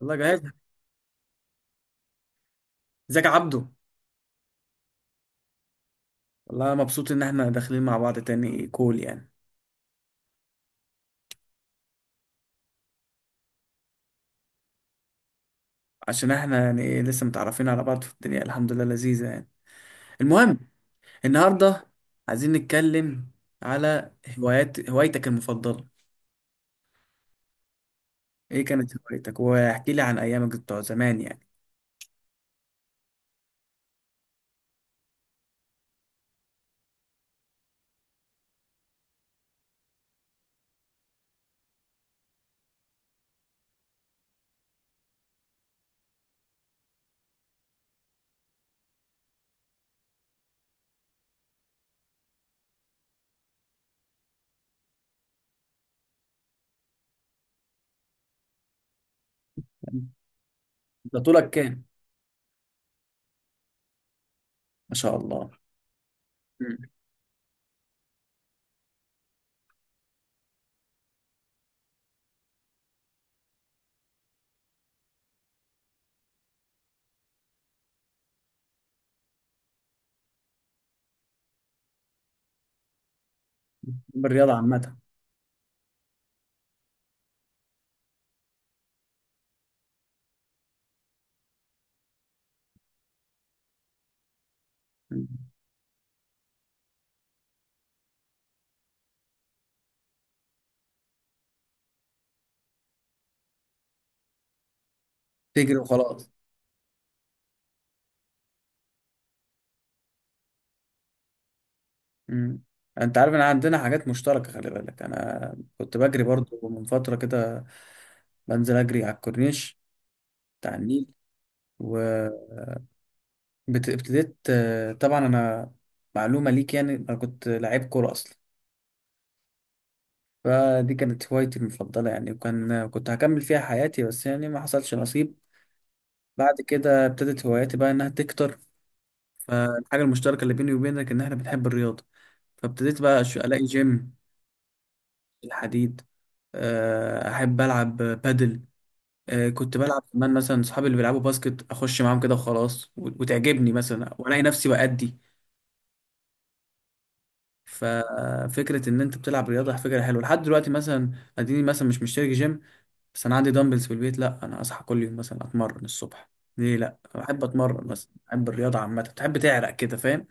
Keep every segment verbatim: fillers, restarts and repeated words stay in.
والله جاهز. ازيك يا عبدو؟ والله مبسوط ان احنا داخلين مع بعض تاني كول يعني. عشان احنا يعني ايه لسه متعرفين على بعض، في الدنيا الحمد لله لذيذة يعني. المهم، النهاردة عايزين نتكلم على هوايات هوايتك المفضلة. ايه كانت هوايتك، واحكي لي عن ايامك بتوع زمان يعني. انت طولك كام؟ ما شاء الله. مم. بالرياضة عامة. مم. تجري وخلاص؟ مم. انت عارف ان عندنا حاجات مشتركة؟ خلي بالك، انا كنت بجري برضو من فترة كده، بنزل اجري على الكورنيش بتاع النيل. وابتديت، طبعا انا معلومة ليك يعني، انا كنت لعيب كورة اصلا. فدي كانت هوايتي المفضلة يعني، وكان كنت هكمل فيها حياتي، بس يعني ما حصلش نصيب. بعد كده ابتدت هواياتي بقى انها تكتر. فالحاجة المشتركة اللي بيني وبينك ان احنا بنحب الرياضة. فابتديت بقى أش- الاقي جيم، الحديد. آه، احب العب بادل. آه، كنت بلعب كمان مثلا اصحابي اللي بيلعبوا باسكت، اخش معاهم كده وخلاص و- وتعجبني مثلا والاقي نفسي بأدي. ففكره ان انت بتلعب رياضه فكره حلوه لحد دلوقتي. مثلا اديني مثلا مش مشترك جيم، بس انا عندي دمبلز في البيت. لا، انا اصحى كل يوم مثلا اتمرن الصبح. ليه لا؟ بحب اتمرن مثلا، بحب الرياضه عامه، بتحب تعرق كده فاهم.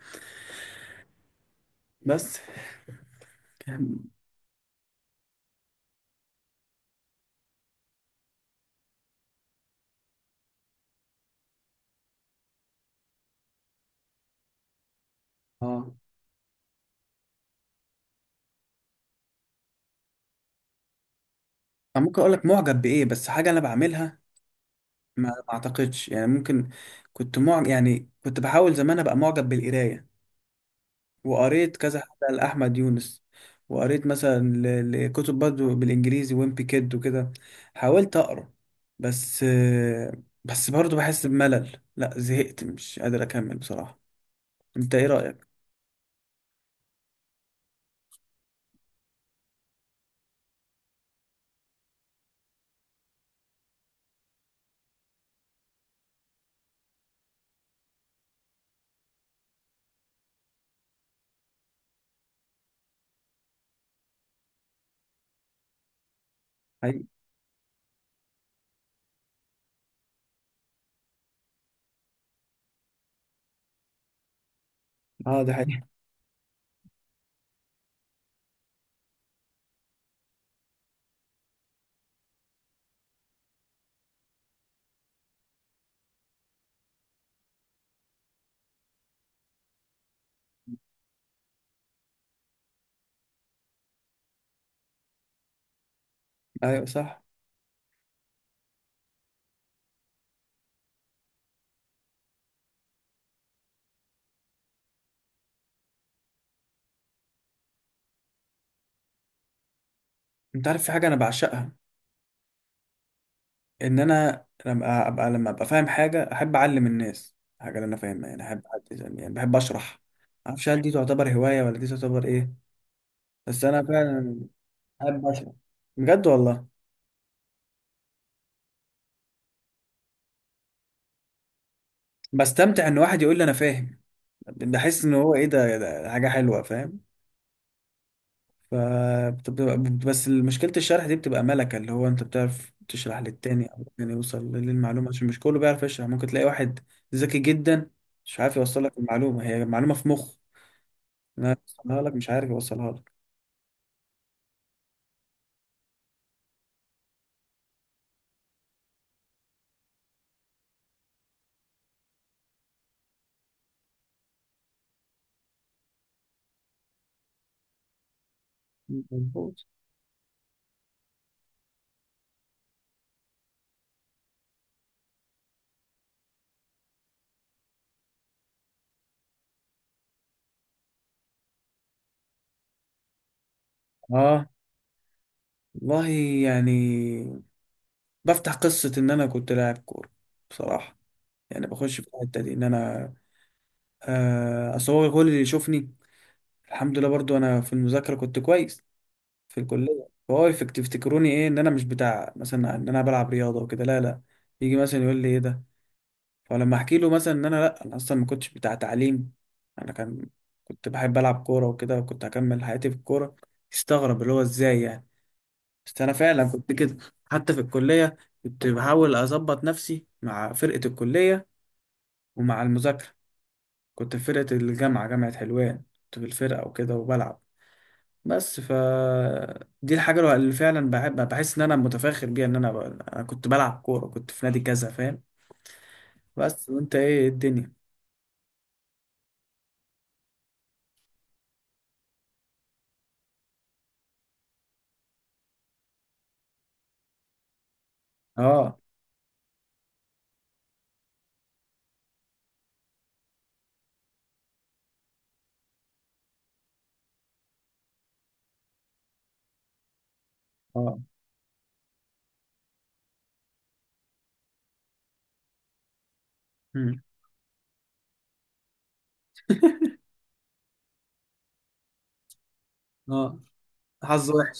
بس. اه. أنا ممكن اقول لك معجب بايه، بس حاجه انا بعملها ما ما اعتقدش يعني. ممكن كنت معجب، يعني كنت بحاول زمان ابقى معجب بالقرايه. وقريت كذا حاجة لأحمد يونس. وقريت مثلا ل- لكتب برضه بالإنجليزي، ويمبي كيد وكده. حاولت أقرأ بس بس برضه بحس بملل، لا زهقت مش قادر أكمل بصراحة. أنت إيه رأيك؟ حقيقي. اه ده حقيقي. أيوه صح. أنت عارف في حاجة أنا بعشقها؟ إن أنا لما أبقى، لما أبقى فاهم حاجة، أحب أعلم الناس الحاجة اللي أنا فاهمها. يعني أحب أعد- يعني بحب أشرح. معرفش هل دي تعتبر هواية ولا دي تعتبر إيه، بس أنا فعلا أحب أشرح، بجد والله. بستمتع ان واحد يقول لي انا فاهم. بحس ان هو ايه ده، ده حاجه حلوه فاهم. ف بتبقى- بس مشكله الشرح دي بتبقى ملكه، اللي هو انت بتعرف تشرح للتاني او التاني يوصل للمعلومه، عشان مش كله بيعرف يشرح. ممكن تلاقي واحد ذكي جدا مش عارف يوصل لك المعلومه. هي معلومه في مخ انا يوصلها لك، مش عارف يوصلها لك. مظبوط. اه والله، يعني بفتح قصة إن أنا كنت لاعب كورة بصراحة. يعني بخش في الحتة دي، إن أنا آه أصور كل اللي يشوفني. الحمد لله برضو انا في المذاكره كنت كويس، في الكليه. فهو يفك- تفتكروني ايه، ان انا مش بتاع مثلا، ان انا بلعب رياضه وكده، لا لا. يجي مثلا يقول لي ايه ده، فلما احكي له مثلا ان انا لا، انا اصلا ما كنتش بتاع تعليم، انا كان كنت بحب العب كوره وكده، وكنت هكمل حياتي في الكوره، يستغرب اللي هو ازاي يعني. بس انا فعلا كنت كده. حتى في الكليه كنت بحاول اظبط نفسي مع فرقه الكليه ومع المذاكره. كنت في فرقه الجامعه، جامعه حلوان، كنت في الفرقه وكده وبلعب. بس ف دي الحاجة اللي فعلا بح- بحس ان انا متفاخر بيها، ان انا ب... أنا كنت بلعب كورة، كنت في نادي كذا فاهم. بس وانت ايه الدنيا؟ اه. اه. مم. اه. حظ وحش.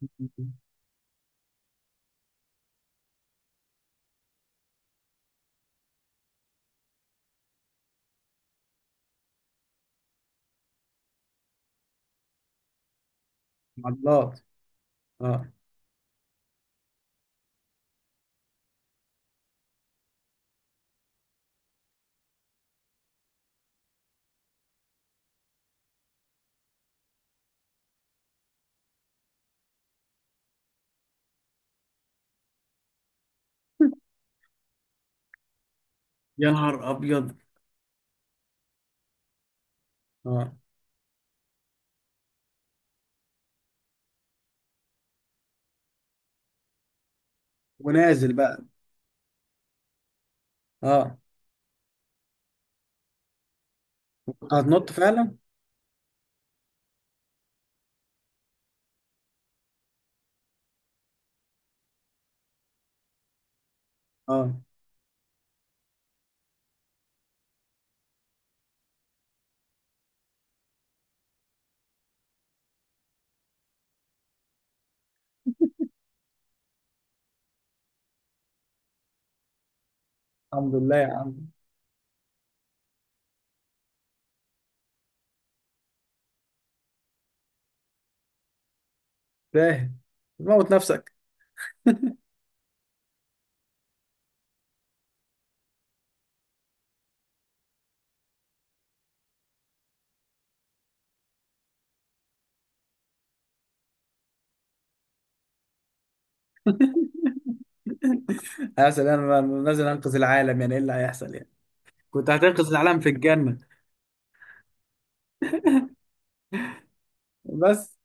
عضلات. اه. يا نهار ابيض. اه. ونازل بقى. اه. هتنط فعلا. اه. الحمد لله يا عم. تاهل. موت نفسك. هسأل، انا نازل انقذ العالم، يعني ايه اللي هيحصل يعني؟ كنت هتنقذ العالم في الجنة. بس.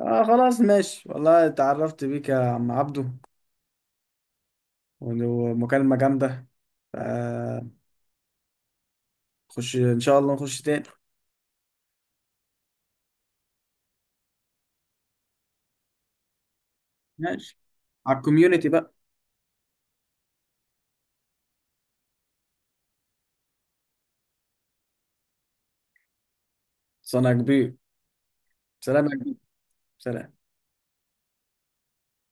آه خلاص ماشي والله، اتعرفت بيك يا عم عبدو. ومكالمة جامدة. آه، خش إن شاء الله نخش تاني. ماشي، على الكوميونتي بقى. صنع كبير. سلام يا كبير. سلام.